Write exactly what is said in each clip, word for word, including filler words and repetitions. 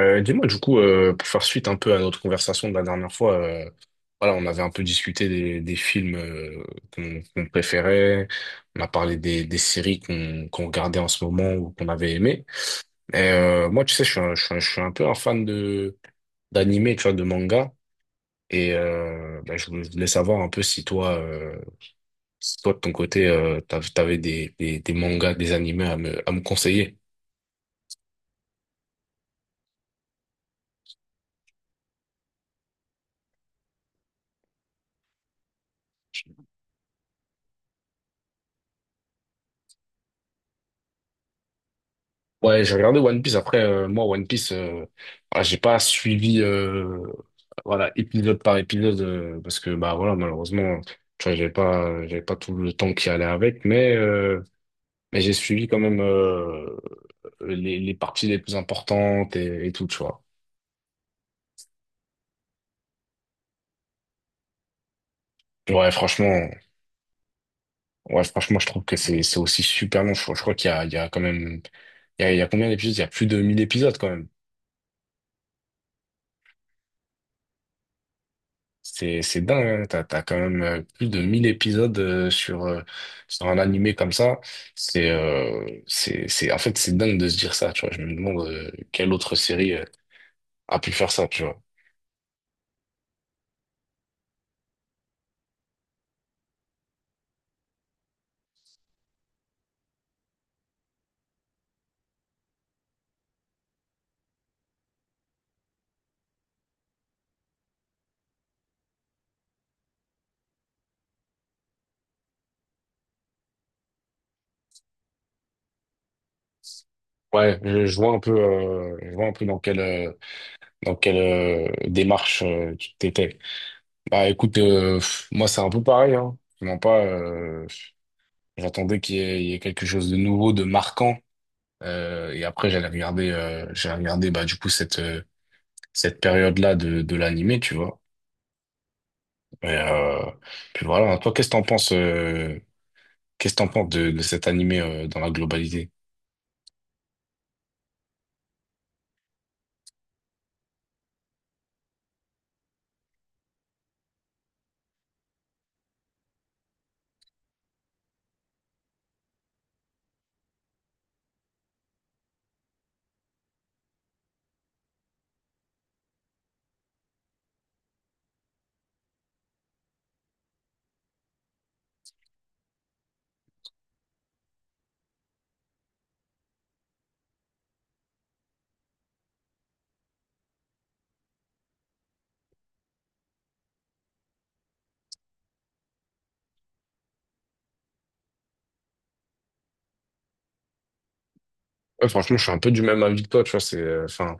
Euh, dis-moi, du coup, euh, pour faire suite un peu à notre conversation de la dernière fois, euh, voilà, on avait un peu discuté des, des films euh, qu'on qu'on préférait, on a parlé des, des séries qu'on qu'on regardait en ce moment ou qu'on avait aimé. Et euh, moi, tu sais, je suis un, je suis un, je suis un peu un fan de d'animé, tu vois, de manga. Et euh, bah, je voulais je voulais savoir un peu si toi, euh, si toi de ton côté, euh, t'av- t'avais des, des, des mangas, des animés à me, à me conseiller. Ouais, j'ai regardé One Piece. Après, euh, moi, One Piece, euh, ah, j'ai pas suivi, euh, voilà, épisode par épisode, euh, parce que, bah, voilà, malheureusement, tu vois, j'avais pas, j'avais pas tout le temps qui allait avec, mais, euh, mais j'ai suivi quand même, euh, les, les parties les plus importantes et, et tout, tu vois. Ouais, franchement, ouais, franchement, je trouve que c'est, c'est aussi super long. Je, crois je crois qu'il y a, il y a quand même, il y a, il y a combien d'épisodes? Il y a plus de mille épisodes quand même. C'est, c'est dingue, hein. T'as, t'as quand même euh, plus de mille épisodes euh, sur, euh, sur un animé comme ça. C'est, euh, c'est, c'est, en fait, c'est dingue de se dire ça, tu vois. Je me demande euh, quelle autre série euh, a pu faire ça, tu vois. Ouais, je, je vois un peu, euh, je vois un peu dans quelle, euh, dans quelle euh, démarche euh, tu t'étais. Bah écoute, euh, pff, moi c'est un peu pareil, hein. Vraiment pas, euh, j'attendais qu'il y ait, il y ait quelque chose de nouveau, de marquant. Euh, et après j'allais regarder, euh, j'allais regarder bah du coup cette euh, cette période-là de, de l'animé, tu vois. Et, euh, puis voilà, toi, qu'est-ce que t'en penses, euh, qu'est-ce que t'en penses de, de cet animé, euh, dans la globalité? Ouais, franchement, je suis un peu du même avis que toi, tu vois, c'est, euh, enfin,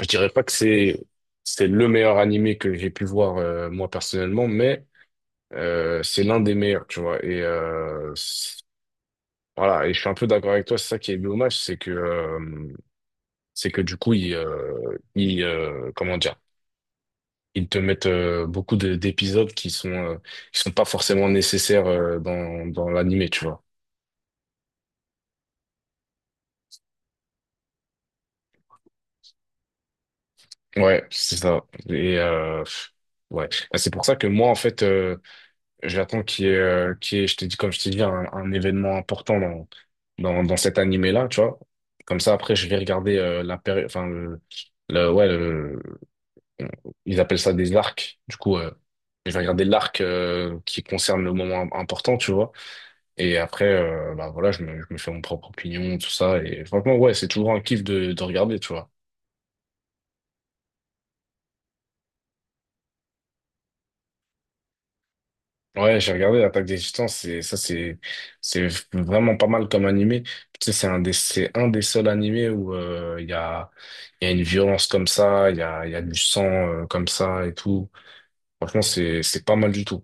je dirais pas que c'est, c'est le meilleur animé que j'ai pu voir, euh, moi, personnellement, mais Euh, c'est l'un des meilleurs, tu vois. Et euh, c'est- voilà, et je suis un peu d'accord avec toi, c'est ça qui est dommage, c'est que euh, c'est que du coup, ils, euh, ils euh, comment dire, ils te mettent euh, beaucoup de- d'épisodes qui sont euh, qui sont pas forcément nécessaires euh, dans dans l'animé, tu vois. Ouais, c'est ça. Et euh, ouais, bah, c'est pour ça que moi, en fait, euh, j'attends qu'il y ait, euh, qu'il y ait, je t'ai dit, comme je t'ai dit, un, un événement important dans, dans, dans cet animé-là, tu vois. Comme ça, après, je vais regarder euh, la péri- enfin, le, le- ouais, le- ils appellent ça des arcs. Du coup, euh, je vais regarder l'arc euh, qui concerne le moment im- important, tu vois. Et après, euh, bah voilà, je me, je me fais mon propre opinion, tout ça. Et franchement, ouais, c'est toujours un kiff de, de regarder, tu vois. Ouais, j'ai regardé l'Attaque des Titans, c'est ça c'est c'est vraiment pas mal comme animé. Tu sais, c'est un des c'est un des seuls animés où euh, il y a il y a une violence comme ça, il y a il y a du sang euh, comme ça et tout. Franchement, c'est c'est pas mal du tout.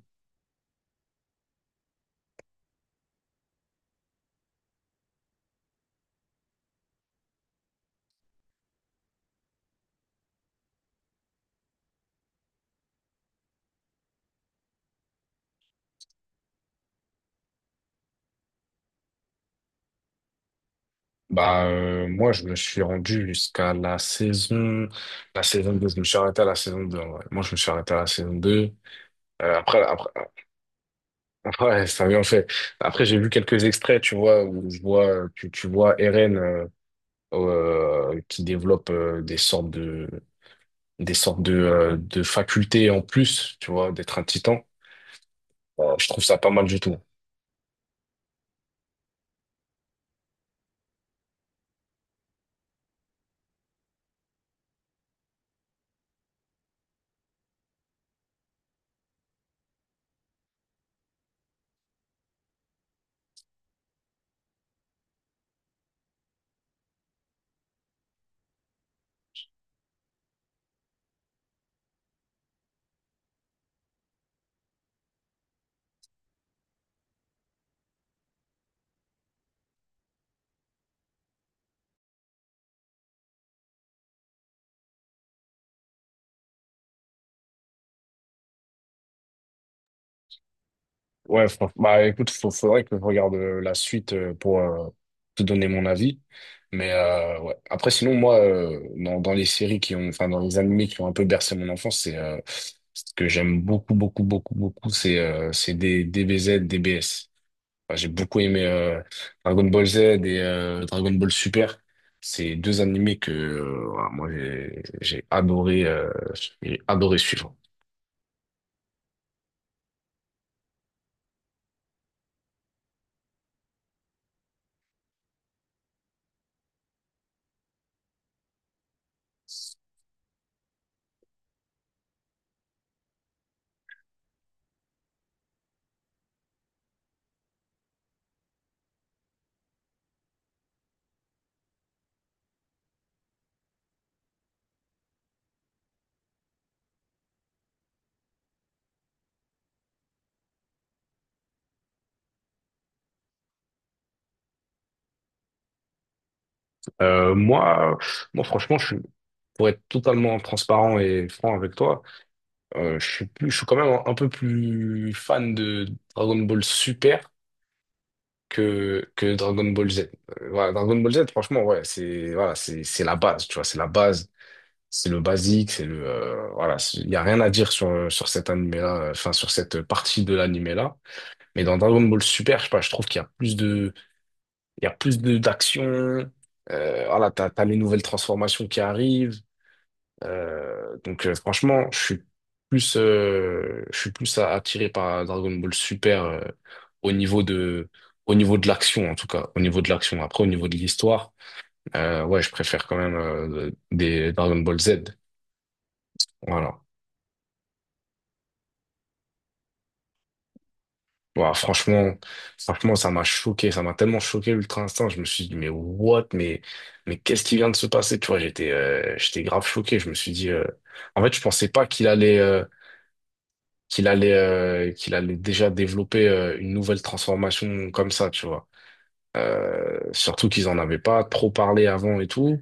Bah euh, moi je me suis rendu jusqu'à la saison la saison deux. Je me suis arrêté à la saison deux, en vrai. Moi je me suis arrêté à la saison deux. Euh, après après après ça vient en fait. Après j'ai vu quelques extraits, tu vois, où je vois tu tu vois Eren euh, euh, qui développe euh, des sortes de des sortes de, euh, de facultés en plus, tu vois, d'être un titan. Euh, Je trouve ça pas mal du tout. Ouais, fran- bah écoute, faut, faudrait que je regarde euh, la suite euh, pour euh, te donner mon avis. Mais euh, ouais. Après, sinon, moi, euh, dans, dans les séries qui ont, enfin, dans les animés qui ont un peu bercé mon enfance, c'est euh, ce que j'aime beaucoup, beaucoup, beaucoup, beaucoup, c'est euh, c'est des D B Z, D B S. Enfin, j'ai beaucoup aimé euh, Dragon Ball Z et euh, Dragon Ball Super. C'est deux animés que euh, voilà, moi j'ai j'ai adoré euh, j'ai adoré suivre. Euh, moi moi franchement je suis, pour être totalement transparent et franc avec toi, euh, je suis plus, je suis quand même un, un peu plus fan de Dragon Ball Super que que Dragon Ball Z. Euh, voilà, Dragon Ball Z franchement ouais, c'est voilà, c'est c'est la base, tu vois, c'est la base. C'est le basique, c'est le euh, voilà, c'est- il y a rien à dire sur sur cet animé-là, euh, enfin sur cette partie de l'animé-là. Mais dans Dragon Ball Super, je sais pas, je trouve qu'il y a plus de, il y a plus de d'action. Euh, voilà, t'as t'as les nouvelles transformations qui arrivent. Euh, donc euh, franchement, je suis plus euh, je suis plus a- attiré par Dragon Ball Super euh, au niveau de au niveau de l'action en tout cas, au niveau de l'action. Après au niveau de l'histoire, euh, ouais, je préfère quand même euh, des Dragon Ball Z. Voilà. Ouah, franchement, franchement, ça m'a choqué, ça m'a tellement choqué l'Ultra Instinct. Je me suis dit, mais what, mais, mais qu'est-ce qui vient de se passer? Tu vois, j'étais, euh, j'étais grave choqué. Je me suis dit, euh, en fait, je pensais pas qu'il allait, euh, qu'il allait, euh, qu'il allait déjà développer euh, une nouvelle transformation comme ça, tu vois. Euh, surtout qu'ils en avaient pas trop parlé avant et tout.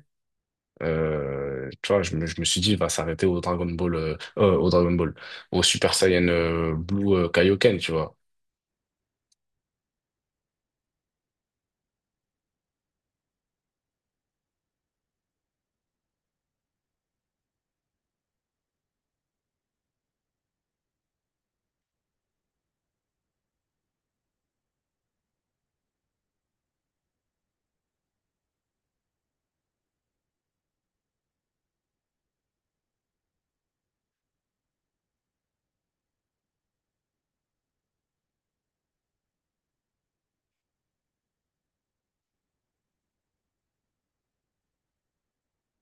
Euh, tu vois, je me, je me suis dit, il va s'arrêter au Dragon Ball, euh, euh, au Dragon Ball, au Super Saiyan euh, Blue euh, Kaioken, tu vois.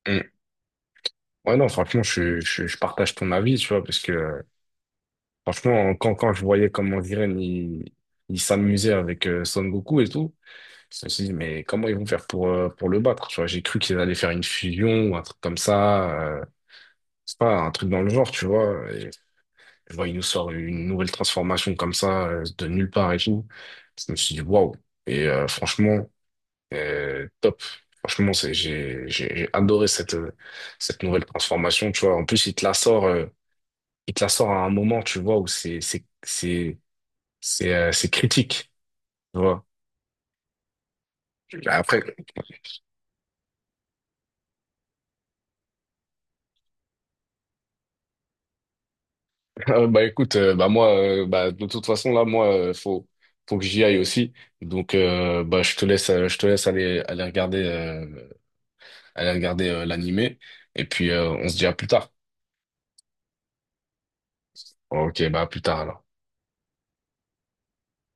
Mm. Ouais, non, franchement, je, je, je partage ton avis, tu vois, parce que euh, franchement, quand, quand je voyais comment Jiren, il, il s'amusait avec euh, Son Goku et tout, je me suis dit, mais comment ils vont faire pour, euh, pour le battre, tu vois, j'ai cru qu'ils allaient faire une fusion ou un truc comme ça, euh, c'est pas, un truc dans le genre, tu vois, et je vois, il nous sort une nouvelle transformation comme ça, euh, de nulle part et tout, je me suis dit, waouh, et euh, franchement, euh, top. Franchement, c'est, j'ai, j'ai j'ai adoré cette, euh, cette nouvelle transformation, tu vois. En plus, il te la sort. euh, il te la sort à un moment, tu vois, où c'est c'est c'est c'est euh, c'est critique, tu vois. Bah, après, euh, bah écoute, euh, bah moi, euh, bah de toute façon là, moi, euh, faut faut que j'y aille aussi. Donc euh, bah je te laisse, euh, je te laisse aller aller regarder euh, aller regarder euh, l'animé et puis euh, on se dit à plus tard. Ok, bah à plus tard alors.